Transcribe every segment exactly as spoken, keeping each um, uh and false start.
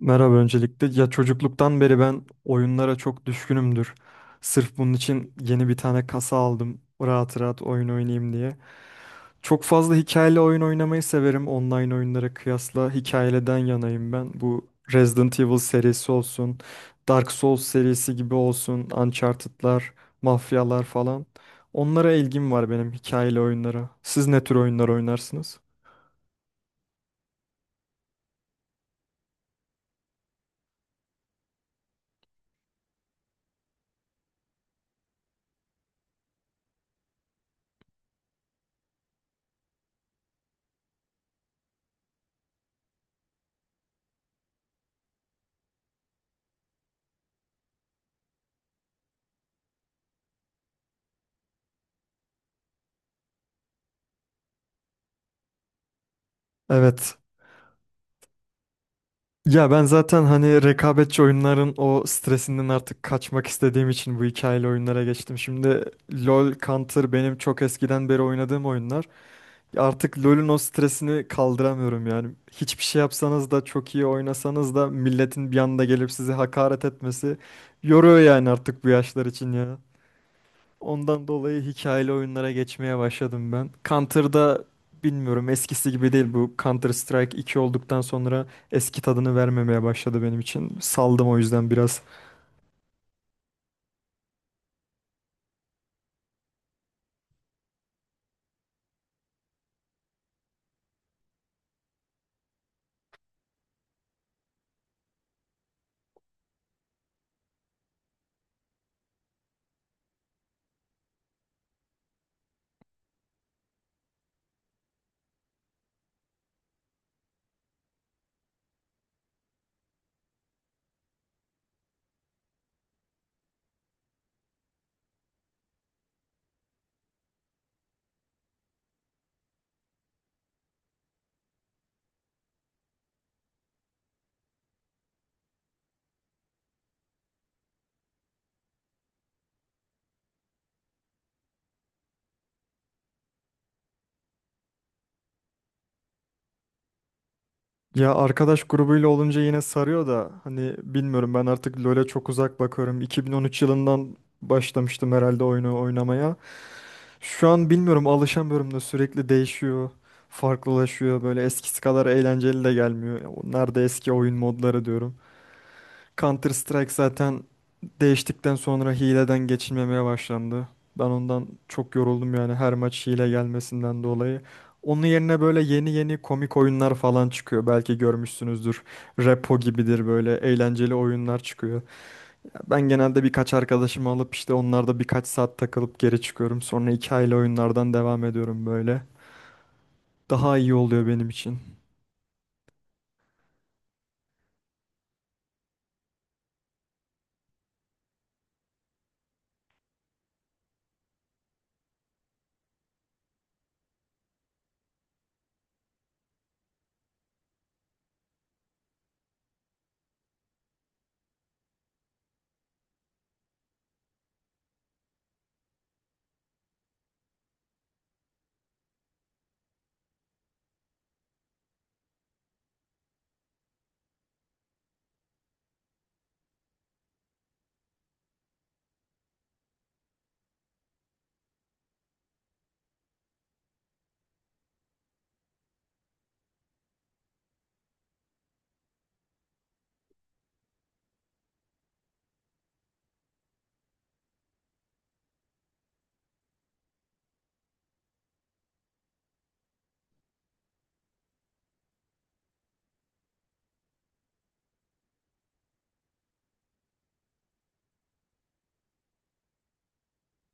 Merhaba öncelikle. Ya çocukluktan beri ben oyunlara çok düşkünümdür. Sırf bunun için yeni bir tane kasa aldım. Rahat rahat oyun oynayayım diye. Çok fazla hikayeli oyun oynamayı severim. Online oyunlara kıyasla hikayeliden yanayım ben. Bu Resident Evil serisi olsun, Dark Souls serisi gibi olsun, Uncharted'lar, mafyalar falan. Onlara ilgim var benim hikayeli oyunlara. Siz ne tür oyunlar oynarsınız? Evet. Ya ben zaten hani rekabetçi oyunların o stresinden artık kaçmak istediğim için bu hikayeli oyunlara geçtim. Şimdi LoL, Counter benim çok eskiden beri oynadığım oyunlar. Artık LoL'ün o stresini kaldıramıyorum yani. Hiçbir şey yapsanız da çok iyi oynasanız da milletin bir anda gelip sizi hakaret etmesi yoruyor yani artık bu yaşlar için ya. Ondan dolayı hikayeli oyunlara geçmeye başladım ben. Counter'da bilmiyorum eskisi gibi değil, bu Counter Strike iki olduktan sonra eski tadını vermemeye başladı benim için. Saldım o yüzden biraz. Ya arkadaş grubuyla olunca yine sarıyor da hani bilmiyorum, ben artık LoL'e çok uzak bakıyorum. iki bin on üç yılından başlamıştım herhalde oyunu oynamaya. Şu an bilmiyorum, alışamıyorum da sürekli değişiyor. Farklılaşıyor, böyle eskisi kadar eğlenceli de gelmiyor. Ya, nerede eski oyun modları diyorum. Counter Strike zaten değiştikten sonra hileden geçilmemeye başlandı. Ben ondan çok yoruldum yani, her maç hile gelmesinden dolayı. Onun yerine böyle yeni yeni komik oyunlar falan çıkıyor. Belki görmüşsünüzdür. Repo gibidir, böyle eğlenceli oyunlar çıkıyor. Ben genelde birkaç arkadaşımı alıp işte onlarda birkaç saat takılıp geri çıkıyorum. Sonra hikayeli oyunlardan devam ediyorum böyle. Daha iyi oluyor benim için.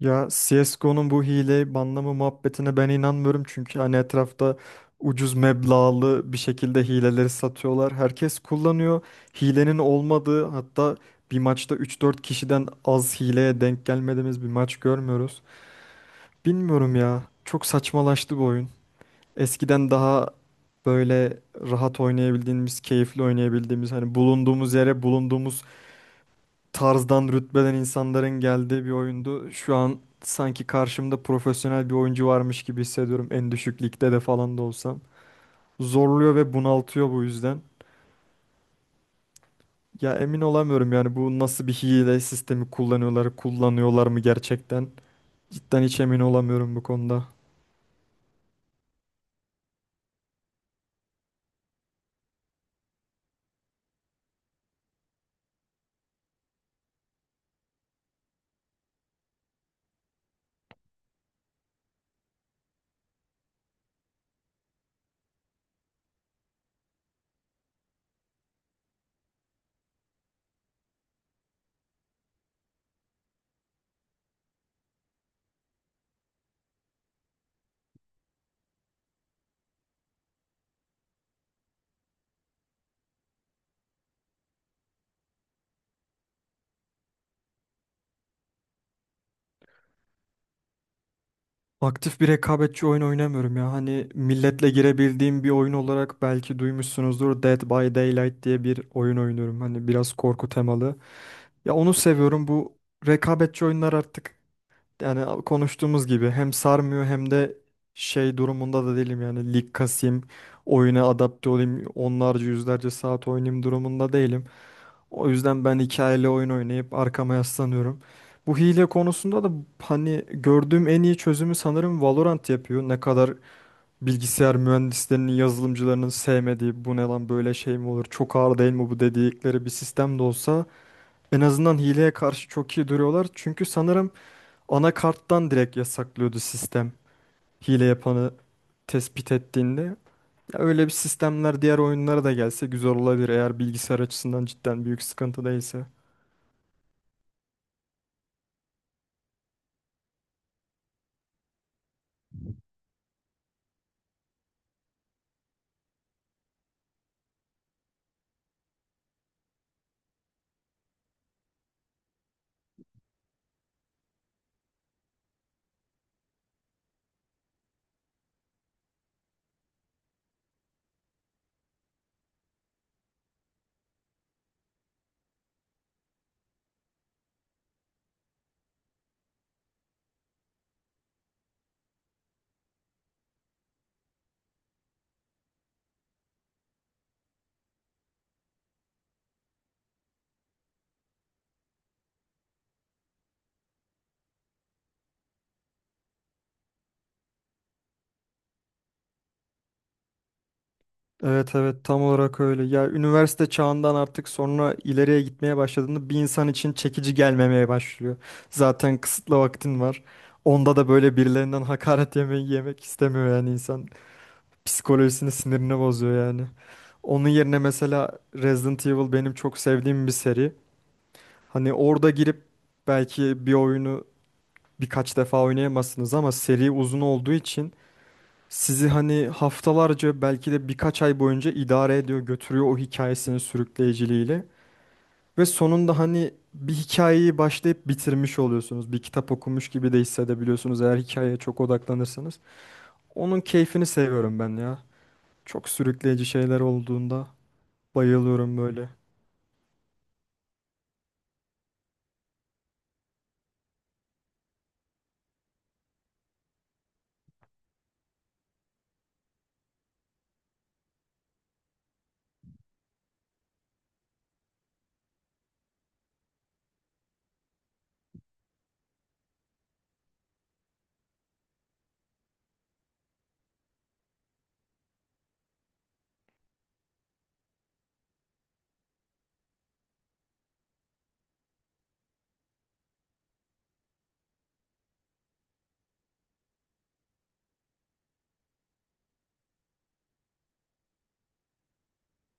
Ya C S G O'nun bu hile banlama muhabbetine ben inanmıyorum, çünkü hani etrafta ucuz meblağlı bir şekilde hileleri satıyorlar. Herkes kullanıyor. Hilenin olmadığı, hatta bir maçta üç dört kişiden az hileye denk gelmediğimiz bir maç görmüyoruz. Bilmiyorum ya. Çok saçmalaştı bu oyun. Eskiden daha böyle rahat oynayabildiğimiz, keyifli oynayabildiğimiz, hani bulunduğumuz yere bulunduğumuz tarzdan rütbeden insanların geldiği bir oyundu. Şu an sanki karşımda profesyonel bir oyuncu varmış gibi hissediyorum. En düşük ligde de falan da olsam. Zorluyor ve bunaltıyor bu yüzden. Ya emin olamıyorum yani, bu nasıl bir hile sistemi kullanıyorlar, kullanıyorlar mı gerçekten? Cidden hiç emin olamıyorum bu konuda. Aktif bir rekabetçi oyun oynamıyorum ya. Hani milletle girebildiğim bir oyun olarak belki duymuşsunuzdur. Dead by Daylight diye bir oyun oynuyorum. Hani biraz korku temalı. Ya onu seviyorum. Bu rekabetçi oyunlar artık, yani konuştuğumuz gibi, hem sarmıyor hem de şey durumunda da değilim yani, lig kasayım, oyuna adapte olayım, onlarca yüzlerce saat oynayayım durumunda değilim. O yüzden ben hikayeli oyun oynayıp arkama yaslanıyorum. Bu hile konusunda da hani gördüğüm en iyi çözümü sanırım Valorant yapıyor. Ne kadar bilgisayar mühendislerinin, yazılımcılarının sevmediği, bu ne lan böyle, şey mi olur, çok ağır değil mi bu dedikleri bir sistem de olsa en azından hileye karşı çok iyi duruyorlar. Çünkü sanırım anakarttan direkt yasaklıyordu sistem hile yapanı tespit ettiğinde. Ya öyle bir sistemler diğer oyunlara da gelse güzel olabilir, eğer bilgisayar açısından cidden büyük sıkıntı değilse. Evet, evet, tam olarak öyle. Ya üniversite çağından artık sonra ileriye gitmeye başladığında bir insan için çekici gelmemeye başlıyor. Zaten kısıtlı vaktin var. Onda da böyle birilerinden hakaret yemeyi yemek istemiyor yani insan. Psikolojisini, sinirini bozuyor yani. Onun yerine mesela Resident Evil benim çok sevdiğim bir seri. Hani orada girip belki bir oyunu birkaç defa oynayamazsınız ama seri uzun olduğu için sizi hani haftalarca, belki de birkaç ay boyunca idare ediyor, götürüyor o hikayesinin sürükleyiciliğiyle. Ve sonunda hani bir hikayeyi başlayıp bitirmiş oluyorsunuz. Bir kitap okumuş gibi de hissedebiliyorsunuz, eğer hikayeye çok odaklanırsanız. Onun keyfini seviyorum ben ya. Çok sürükleyici şeyler olduğunda bayılıyorum böyle.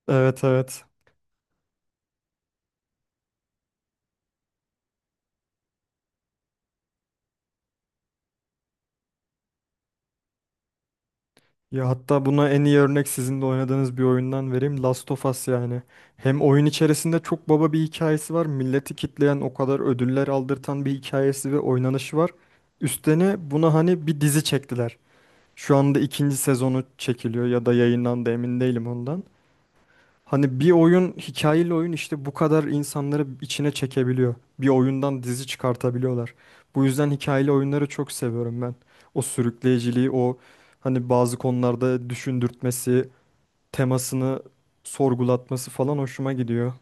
Evet, evet. Ya hatta buna en iyi örnek sizin de oynadığınız bir oyundan vereyim. Last of Us yani. Hem oyun içerisinde çok baba bir hikayesi var. Milleti kitleyen, o kadar ödüller aldırtan bir hikayesi ve oynanışı var. Üstüne buna hani bir dizi çektiler. Şu anda ikinci sezonu çekiliyor ya da yayınlandı, emin değilim ondan. Hani bir oyun, hikayeli oyun, işte bu kadar insanları içine çekebiliyor. Bir oyundan dizi çıkartabiliyorlar. Bu yüzden hikayeli oyunları çok seviyorum ben. O sürükleyiciliği, o hani bazı konularda düşündürtmesi, temasını sorgulatması falan hoşuma gidiyor.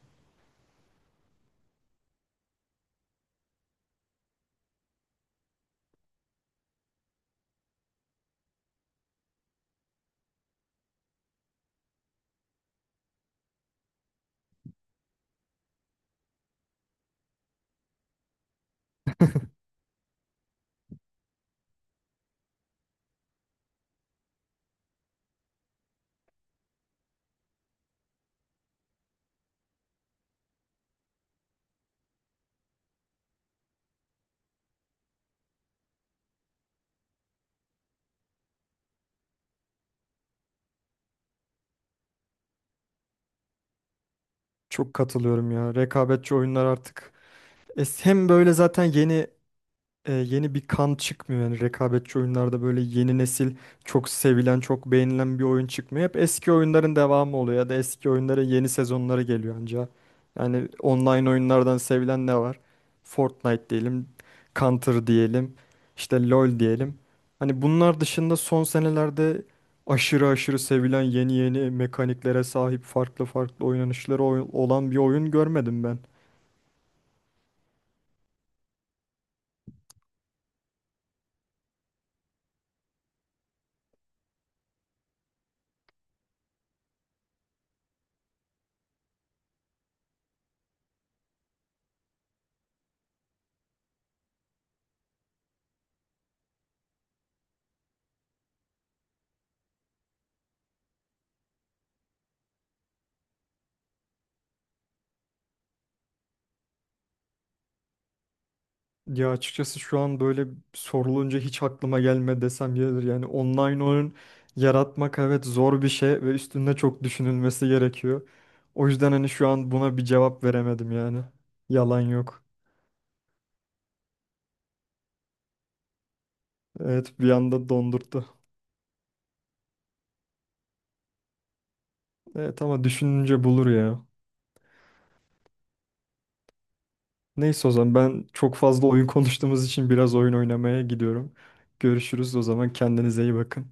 Çok katılıyorum ya. Rekabetçi oyunlar artık. E, hem böyle zaten yeni e, yeni bir kan çıkmıyor. Yani rekabetçi oyunlarda böyle yeni nesil çok sevilen, çok beğenilen bir oyun çıkmıyor. Hep eski oyunların devamı oluyor ya da eski oyunların yeni sezonları geliyor anca. Yani online oyunlardan sevilen ne var? Fortnite diyelim, Counter diyelim, işte LoL diyelim. Hani bunlar dışında son senelerde aşırı aşırı sevilen, yeni yeni mekaniklere sahip, farklı farklı oynanışları oy- olan bir oyun görmedim ben. Ya açıkçası şu an böyle sorulunca hiç aklıma gelme desem yeridir. Yani online oyun yaratmak, evet, zor bir şey ve üstünde çok düşünülmesi gerekiyor. O yüzden hani şu an buna bir cevap veremedim yani. Yalan yok. Evet, bir anda dondurttu. Evet, ama düşününce bulur ya. Neyse, o zaman ben çok fazla oyun konuştuğumuz için biraz oyun oynamaya gidiyorum. Görüşürüz o zaman, kendinize iyi bakın.